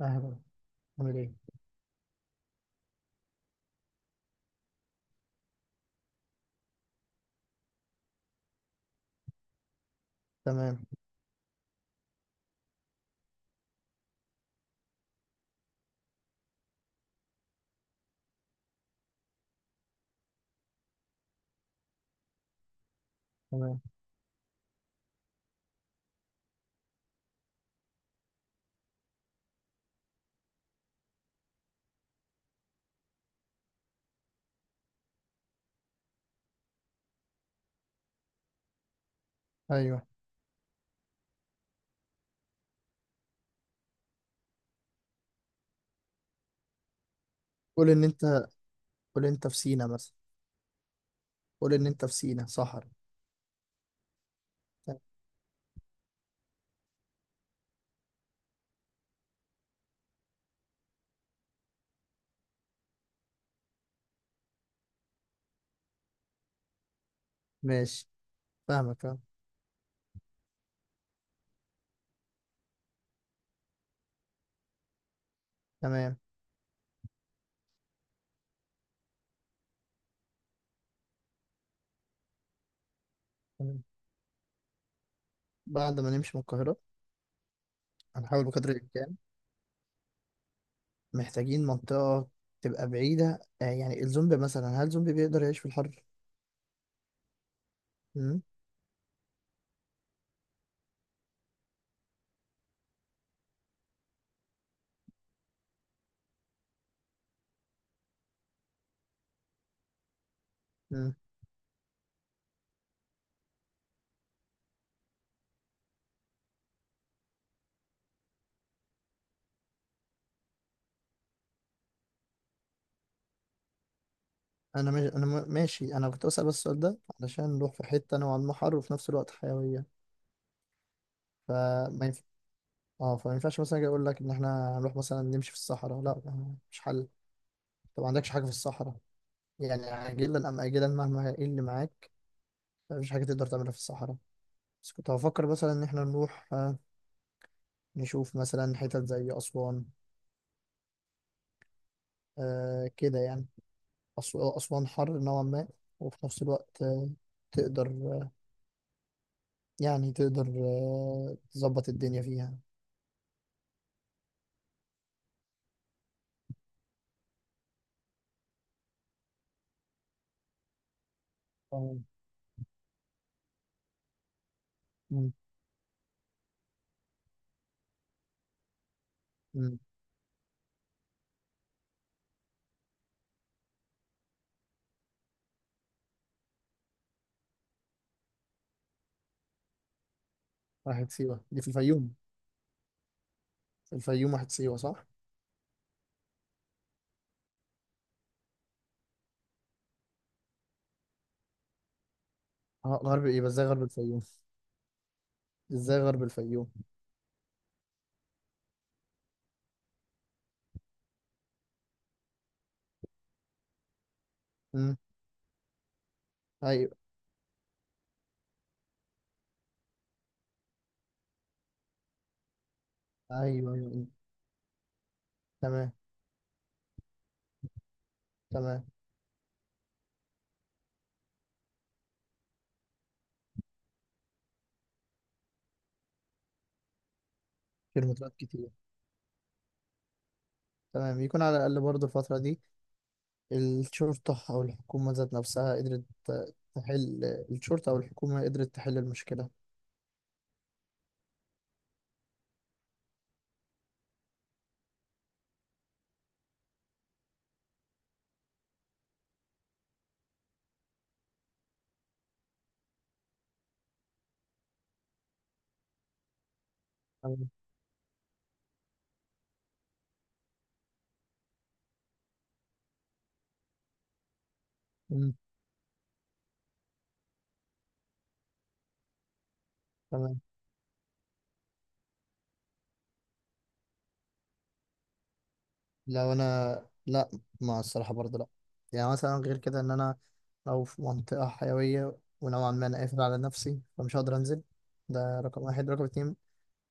اهلا. عامل ايه. تمام تمام. ايوه، قول ان انت، قول انت في سينا مثلا، قول ان انت في سينا صحرا. تمام. ماشي. فاهمك، اه. تمام تمام. بعد ما نمشي من القاهرة، هنحاول بقدر الإمكان. محتاجين منطقة تبقى بعيدة، يعني الزومبي مثلا، هل زومبي بيقدر يعيش في الحر؟ مم؟ مم. أنا ماشي أنا م- ماشي. أنا كنت بسأل بس السؤال ده علشان نروح في حتة نوعا ما حر، وفي نفس الوقت حيوية. فما ينفع اه فما ينفعش مثلا أجي أقول لك إن إحنا هنروح مثلا نمشي في الصحراء. لا، مش حل. طب ما عندكش حاجة في الصحراء، يعني عاجلا أم آجلا، مهما إيه اللي معاك، مفيش حاجة تقدر تعملها في الصحراء. بس كنت هفكر مثلا إن إحنا نروح، نشوف مثلا حتت زي أسوان، كده يعني. أس- أسوان حر نوعا ما، وفي نفس الوقت، تقدر، يعني تقدر، تظبط الدنيا فيها. آه، مم. مم. واحد، سيوة دي في الفيوم، في الفيوم واحد، سيوة، صح؟ غرب إيه؟ بس إزاي غرب الفيوم؟ إزاي غرب الفيوم؟ مم، أيوه أيوه أيوه. تمام تمام. كيلومترات كتير. تمام، يكون على الأقل برضه الفترة دي الشرطة أو الحكومة ذات نفسها قدرت تحل. الشرطة أو الحكومة قدرت تحل المشكلة. تمام. مم. تمام. لو أنا، لا. ما الصراحة برضه لا، يعني مثلا غير كده، إن أنا لو في منطقة حيوية ونوعا ما أنا قافل على نفسي، فمش هقدر أنزل. ده رقم واحد. رقم اتنين،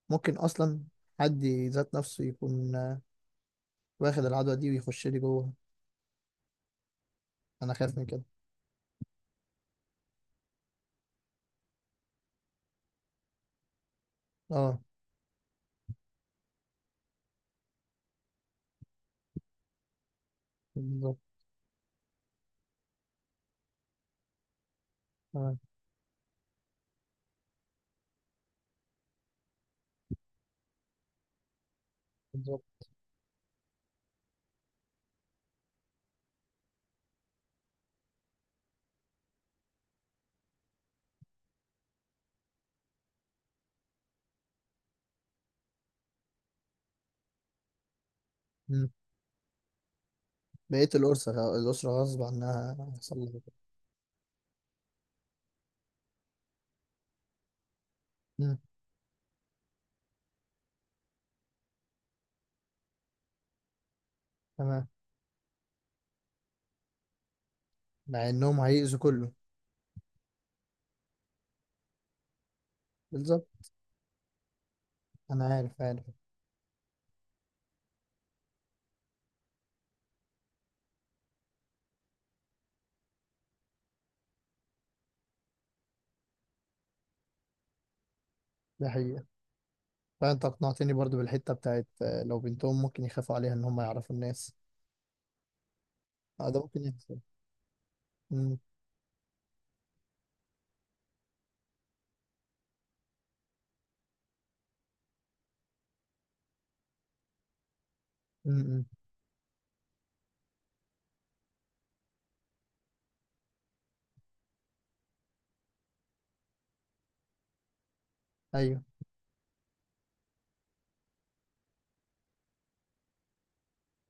ممكن أصلا حد ذات نفسه يكون، واخد العدوى دي ويخش لي جوه. أنا خايف من كده. أه، بالظبط. تمام. بالظبط. بقية الأسرة غصب عنها هيحصل لها كده. مم، تمام. مع إنهم هيأذوا كله. بالظبط. أنا عارف عارف. دي حقيقة. فأنت أقنعتني برضو بالحتة بتاعت، لو بنتهم ممكن يخافوا عليها إن هم يعرفوا الناس. آه، ده ممكن يحصل. مم، مم، مم. أيوه،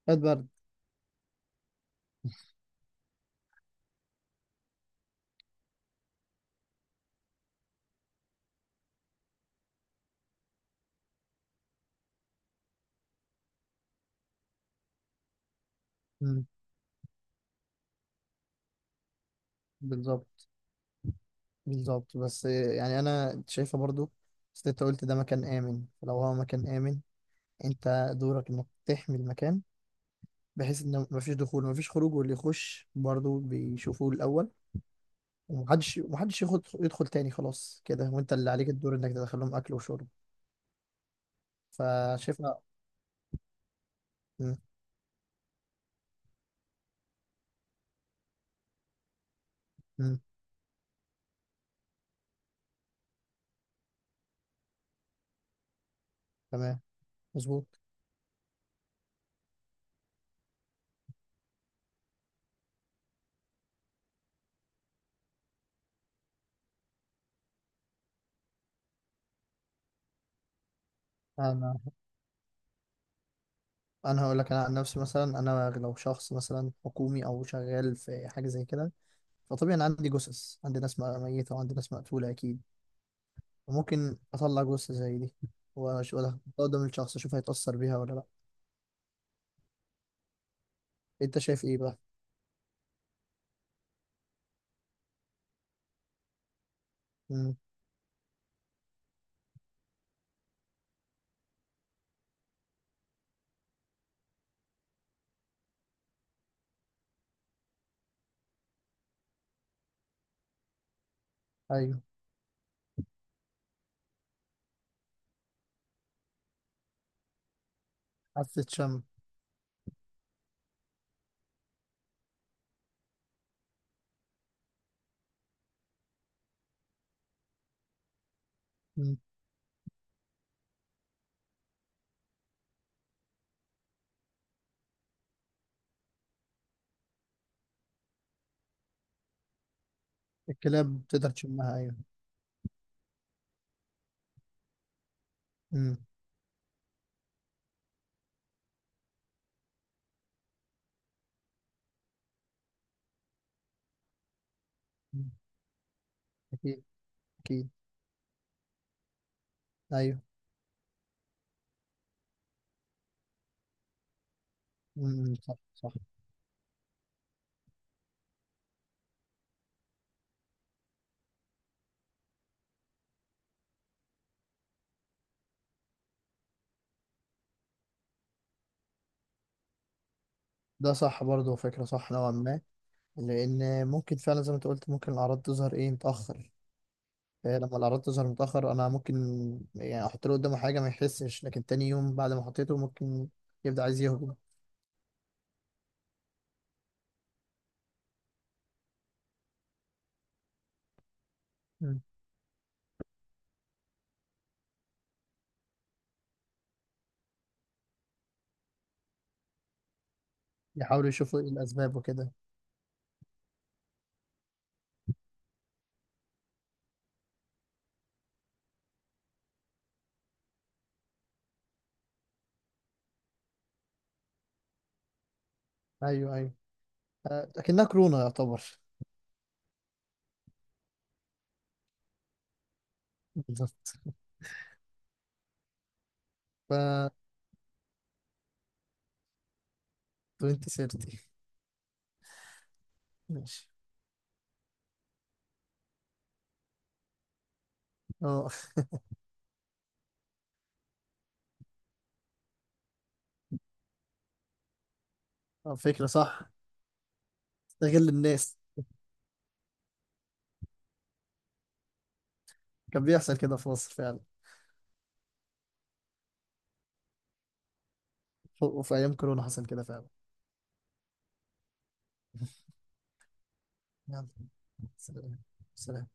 هات برد. مم، بالظبط بالظبط. بس، يعني أنا شايفة برضو، بس أنت قلت ده مكان آمن. فلو هو مكان آمن، أنت دورك إنك تحمي المكان، بحيث إن مفيش دخول مفيش خروج، واللي يخش برضو بيشوفوه الأول، ومحدش، ومحدش ياخد يدخل تاني. خلاص كده، وانت اللي عليك الدور انك تدخل لهم اكل وشرب. فشايفها. مم، مم، تمام مظبوط. انا انا هقول لك، انا عن نفسي مثلا، انا لو شخص مثلا حكومي او شغال في حاجه زي كده، فطبيعي انا عندي جثث، عندي ناس ميته وعندي ناس مقتوله، اكيد. وممكن اطلع جثه زي دي واشوفها قدام الشخص، اشوف هيتاثر بيها ولا لا. انت شايف ايه بقى؟ مم. ايوه، حاسه شم. مم. الكلاب تقدر تشمها، ايوه. مم. مم. اكيد اكيد. ايوه. امم، صح صح. ده صح برضه، فكرة صح نوعا ما. لأن ممكن فعلا زي ما انت قلت، ممكن الأعراض تظهر إيه متأخر. فلما الأعراض تظهر متأخر، أنا ممكن، يعني، أحط له قدامه حاجة ما يحسش، لكن تاني يوم بعد ما حطيته ممكن يبدأ عايز يهجم. مم. يحاولوا يشوفوا إيه الأسباب وكده. أيوه أيوه، لكنها كورونا يعتبر. بالظبط. ف 2030. ماشي. اه، فكرة صح. استغل الناس. كان بيحصل كده في مصر فعلا. وفي أيام كورونا حصل كده فعلا. يلا سلام. سلام.